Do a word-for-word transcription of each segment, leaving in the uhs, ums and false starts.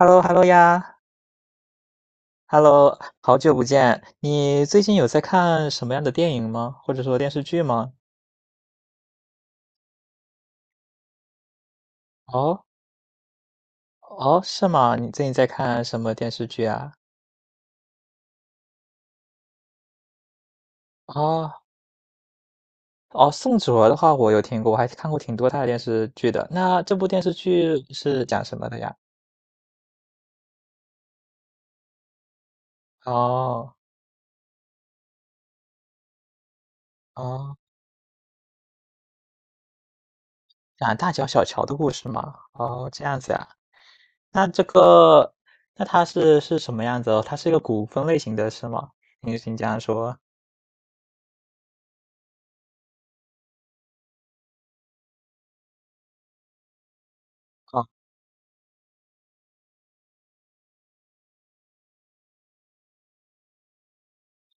Hello，Hello 呀，Hello，好久不见。你最近有在看什么样的电影吗？或者说电视剧吗？哦哦，是吗？你最近在看什么电视剧啊？哦哦，宋哲的话我有听过，我还看过挺多他的电视剧的。那这部电视剧是讲什么的呀？哦哦，讲大乔小乔的故事吗？哦，这样子呀。那这个，那它是是什么样子哦？它是一个古风类型的，是吗？你你这样说。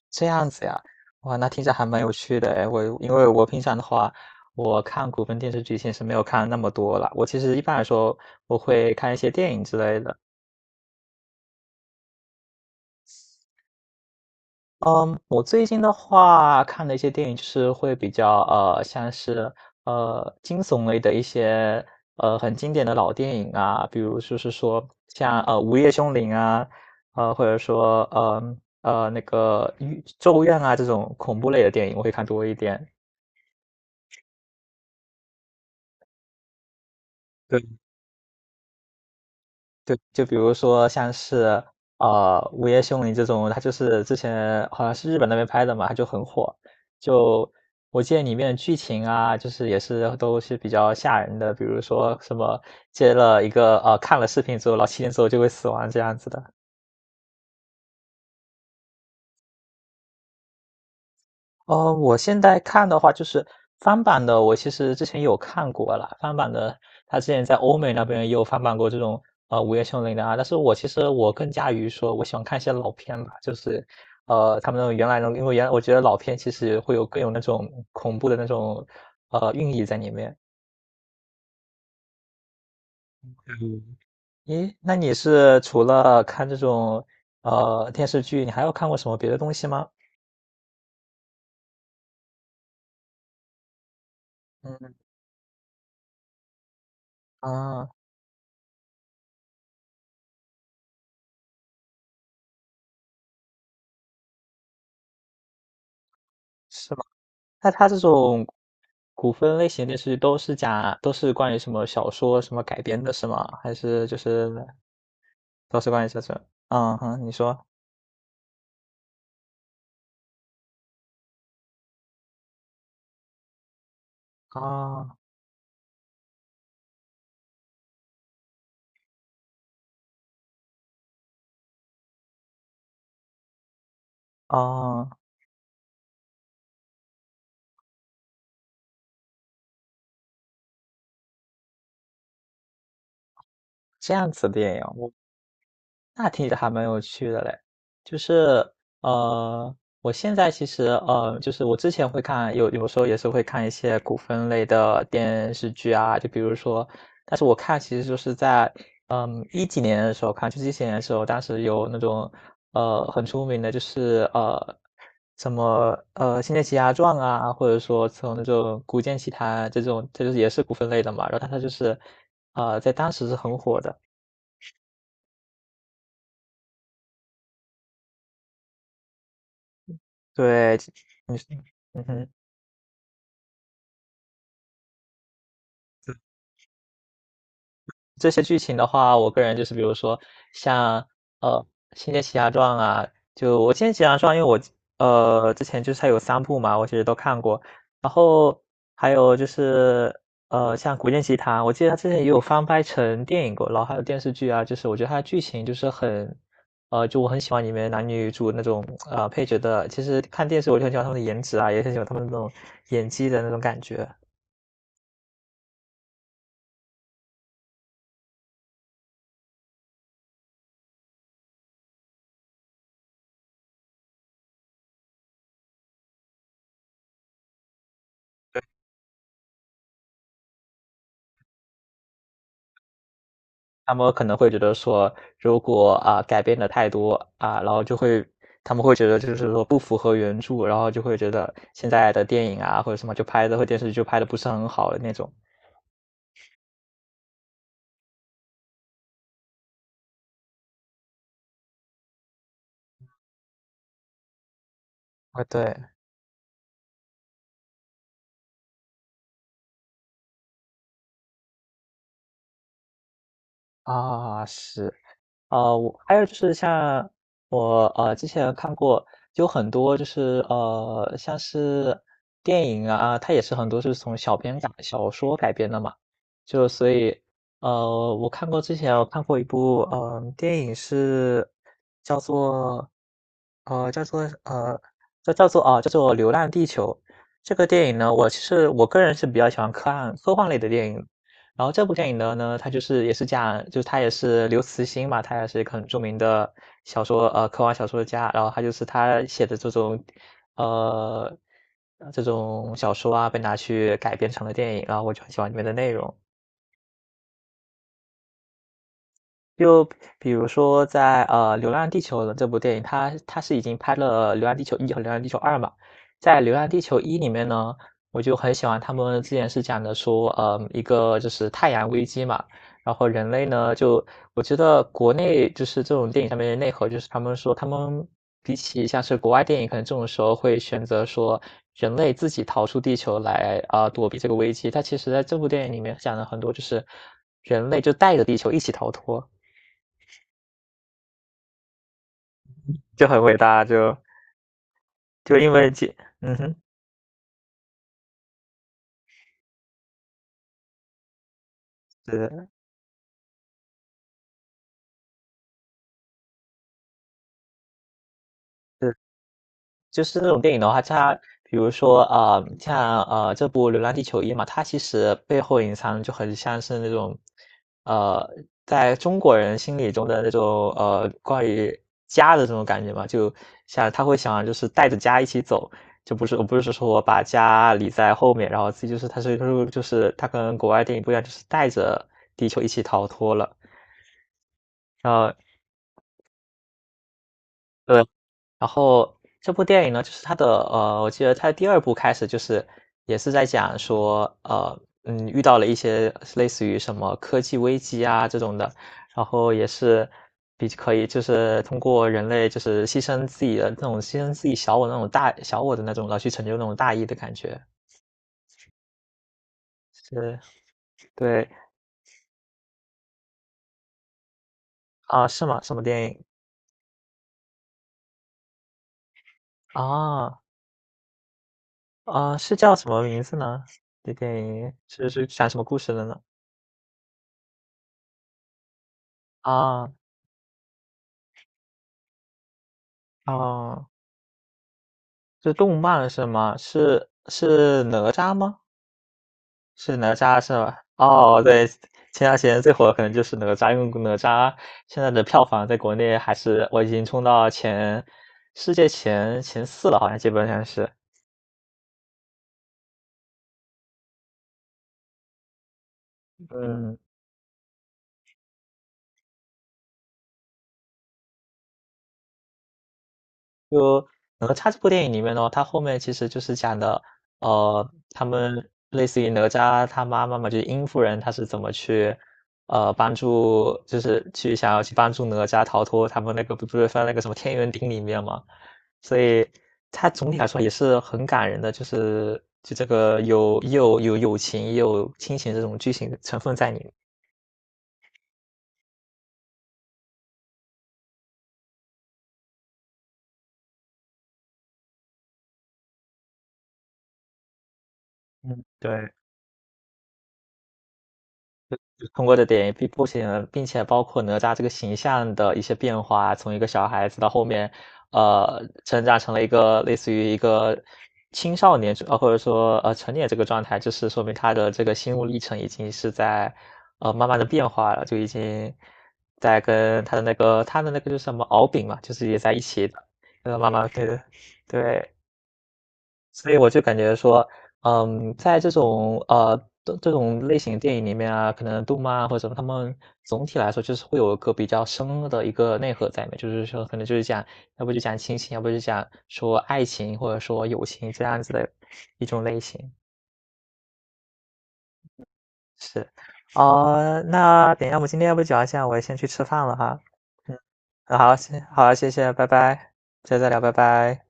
这样子呀，哇，那听着还蛮有趣的哎。我因为我平常的话，我看古风电视剧其实没有看那么多啦。我其实一般来说，我会看一些电影之类的。嗯，我最近的话看的一些电影就是会比较呃，像是呃惊悚类的一些呃很经典的老电影啊，比如就是说像呃《午夜凶铃》啊，呃或者说呃呃那个《咒怨》啊这种恐怖类的电影，我会看多一点。对，就比如说像是呃《午夜凶铃》这种，它就是之前好像是日本那边拍的嘛，它就很火。就我记得里面的剧情啊，就是也是都是比较吓人的，比如说什么接了一个呃看了视频之后，然后七天之后就会死亡这样子的。呃，我现在看的话就是翻版的，我其实之前有看过了，翻版的，他之前在欧美那边也有翻版过这种呃《午夜凶铃》的啊。但是我其实我更加于说，我喜欢看一些老片吧，就是呃他们那种原来那种，因为原来我觉得老片其实会有更有那种恐怖的那种呃寓意在里面。嗯，咦，那你是除了看这种呃电视剧，你还有看过什么别的东西吗？嗯啊，是，那它这种古风类型电视剧都是讲都是关于什么小说什么改编的，是吗？还是就是都是关于小说？嗯哼，你说，啊啊，这样子的电影，那听着还蛮有趣的嘞，就是呃，我现在其实呃，就是我之前会看，有有时候也是会看一些古风类的电视剧啊，就比如说，但是我看其实就是在嗯一几年的时候看，就是一几年的时候，当时有那种呃很出名的，就是呃什么呃《仙剑奇侠传》啊，或者说从那种《古剑奇谭》这种，这就是也是古风类的嘛，然后它它就是呃在当时是很火的。对，你是，嗯哼，这些剧情的话，我个人就是比如说像呃《仙剑奇侠传》啊，就我《仙剑奇侠传》，因为我呃之前就是它有三部嘛，我其实都看过，然后还有就是呃像《古剑奇谭》，我记得它之前也有翻拍成电影过，然后还有电视剧啊，就是我觉得它的剧情就是很呃，就我很喜欢里面男女主那种呃配角的，其实看电视我就很喜欢他们的颜值啊，也很喜欢他们那种演技的那种感觉。他们可能会觉得说，如果啊、改变的太多啊、然后就会他们会觉得就是说不符合原著，然后就会觉得现在的电影啊或者什么就拍的或电视剧就拍的不是很好的那种。啊，对啊，是。啊，我还有就是像我呃之前看过，有很多就是呃像是电影啊，它也是很多是从小编改小说改编的嘛，就所以呃我看过之前我看过一部嗯、呃、电影是叫做呃叫做呃叫叫做啊、叫做《流浪地球》这个电影呢，我其实我个人是比较喜欢科幻科幻类的电影，然后这部电影的呢，它就是也是讲，就是他也是刘慈欣嘛，他也是一个很著名的小说呃科幻小说家，然后他就是他写的这种呃这种小说啊，被拿去改编成了电影，然后我就很喜欢里面的内容。就比如说在呃《流浪地球》的这部电影，它它是已经拍了《流浪地球一》和《流浪地球二》嘛。在《流浪地球一》里面呢，我就很喜欢他们之前是讲的说，呃，一个就是太阳危机嘛，然后人类呢就我觉得国内就是这种电影上面的内核，就是他们说他们比起像是国外电影，可能这种时候会选择说人类自己逃出地球来啊、躲避这个危机。它其实在这部电影里面讲了很多，就是人类就带着地球一起逃脱。就很伟大，就就因为这，嗯哼，是是，就是这种电影的话，它比如说啊、呃像呃这部《流浪地球一》嘛，它其实背后隐藏就很像是那种呃在中国人心里中的那种呃关于家的这种感觉嘛，就像他会想就是带着家一起走。就不是，我不是说我把家理在后面，然后自己就是，他是就是他跟国外电影不一样，就是带着地球一起逃脱了。然后对，呃然后这部电影呢，就是它的呃，我记得它的第二部开始就是也是在讲说，呃，嗯，遇到了一些类似于什么科技危机啊这种的，然后也是比可以就是通过人类就是牺牲自己的那种牺牲自己小我那种大小我的那种，然后去成就那种大义的感觉。是，对，啊，是吗？什么电影？啊，啊，是叫什么名字呢？这电影是是讲什么故事的呢？啊，啊。是动漫是吗？是是哪吒吗？是哪吒是吧？哦，对，前段时间最火的可能就是哪吒，因为哪吒现在的票房在国内还是我已经冲到前世界前前四了，好像基本上是，嗯。就哪吒这部电影里面呢，它后面其实就是讲的，呃，他们类似于哪吒他妈妈嘛，就是殷夫人，她是怎么去，呃，帮助，就是去想要去帮助哪吒逃脱他们那个不不是放在那个什么天元鼎里面嘛，所以它总体来说也是很感人的，就是就这个有又有友情也有亲情这种剧情成分在里面。嗯，对，通过的点并不仅并且包括哪吒这个形象的一些变化，从一个小孩子到后面，呃，成长成了一个类似于一个青少年，呃，或者说呃成年这个状态，就是说明他的这个心路历程已经是在呃慢慢的变化了，就已经在跟他的那个他的那个就是什么敖丙嘛，就是也在一起的，呃，慢慢对对。所以我就感觉说，嗯，在这种呃这这种类型的电影里面啊，可能动漫啊或者什么，他们总体来说就是会有一个比较深的一个内核在里面，就是说可能就是讲，要不就讲亲情，要不就讲说爱情或者说友情这样子的一种类型。是，呃，那等一下我们今天要不就聊一下，我先去吃饭了哈。嗯，好，谢好，谢谢，拜拜，下次再聊，拜拜。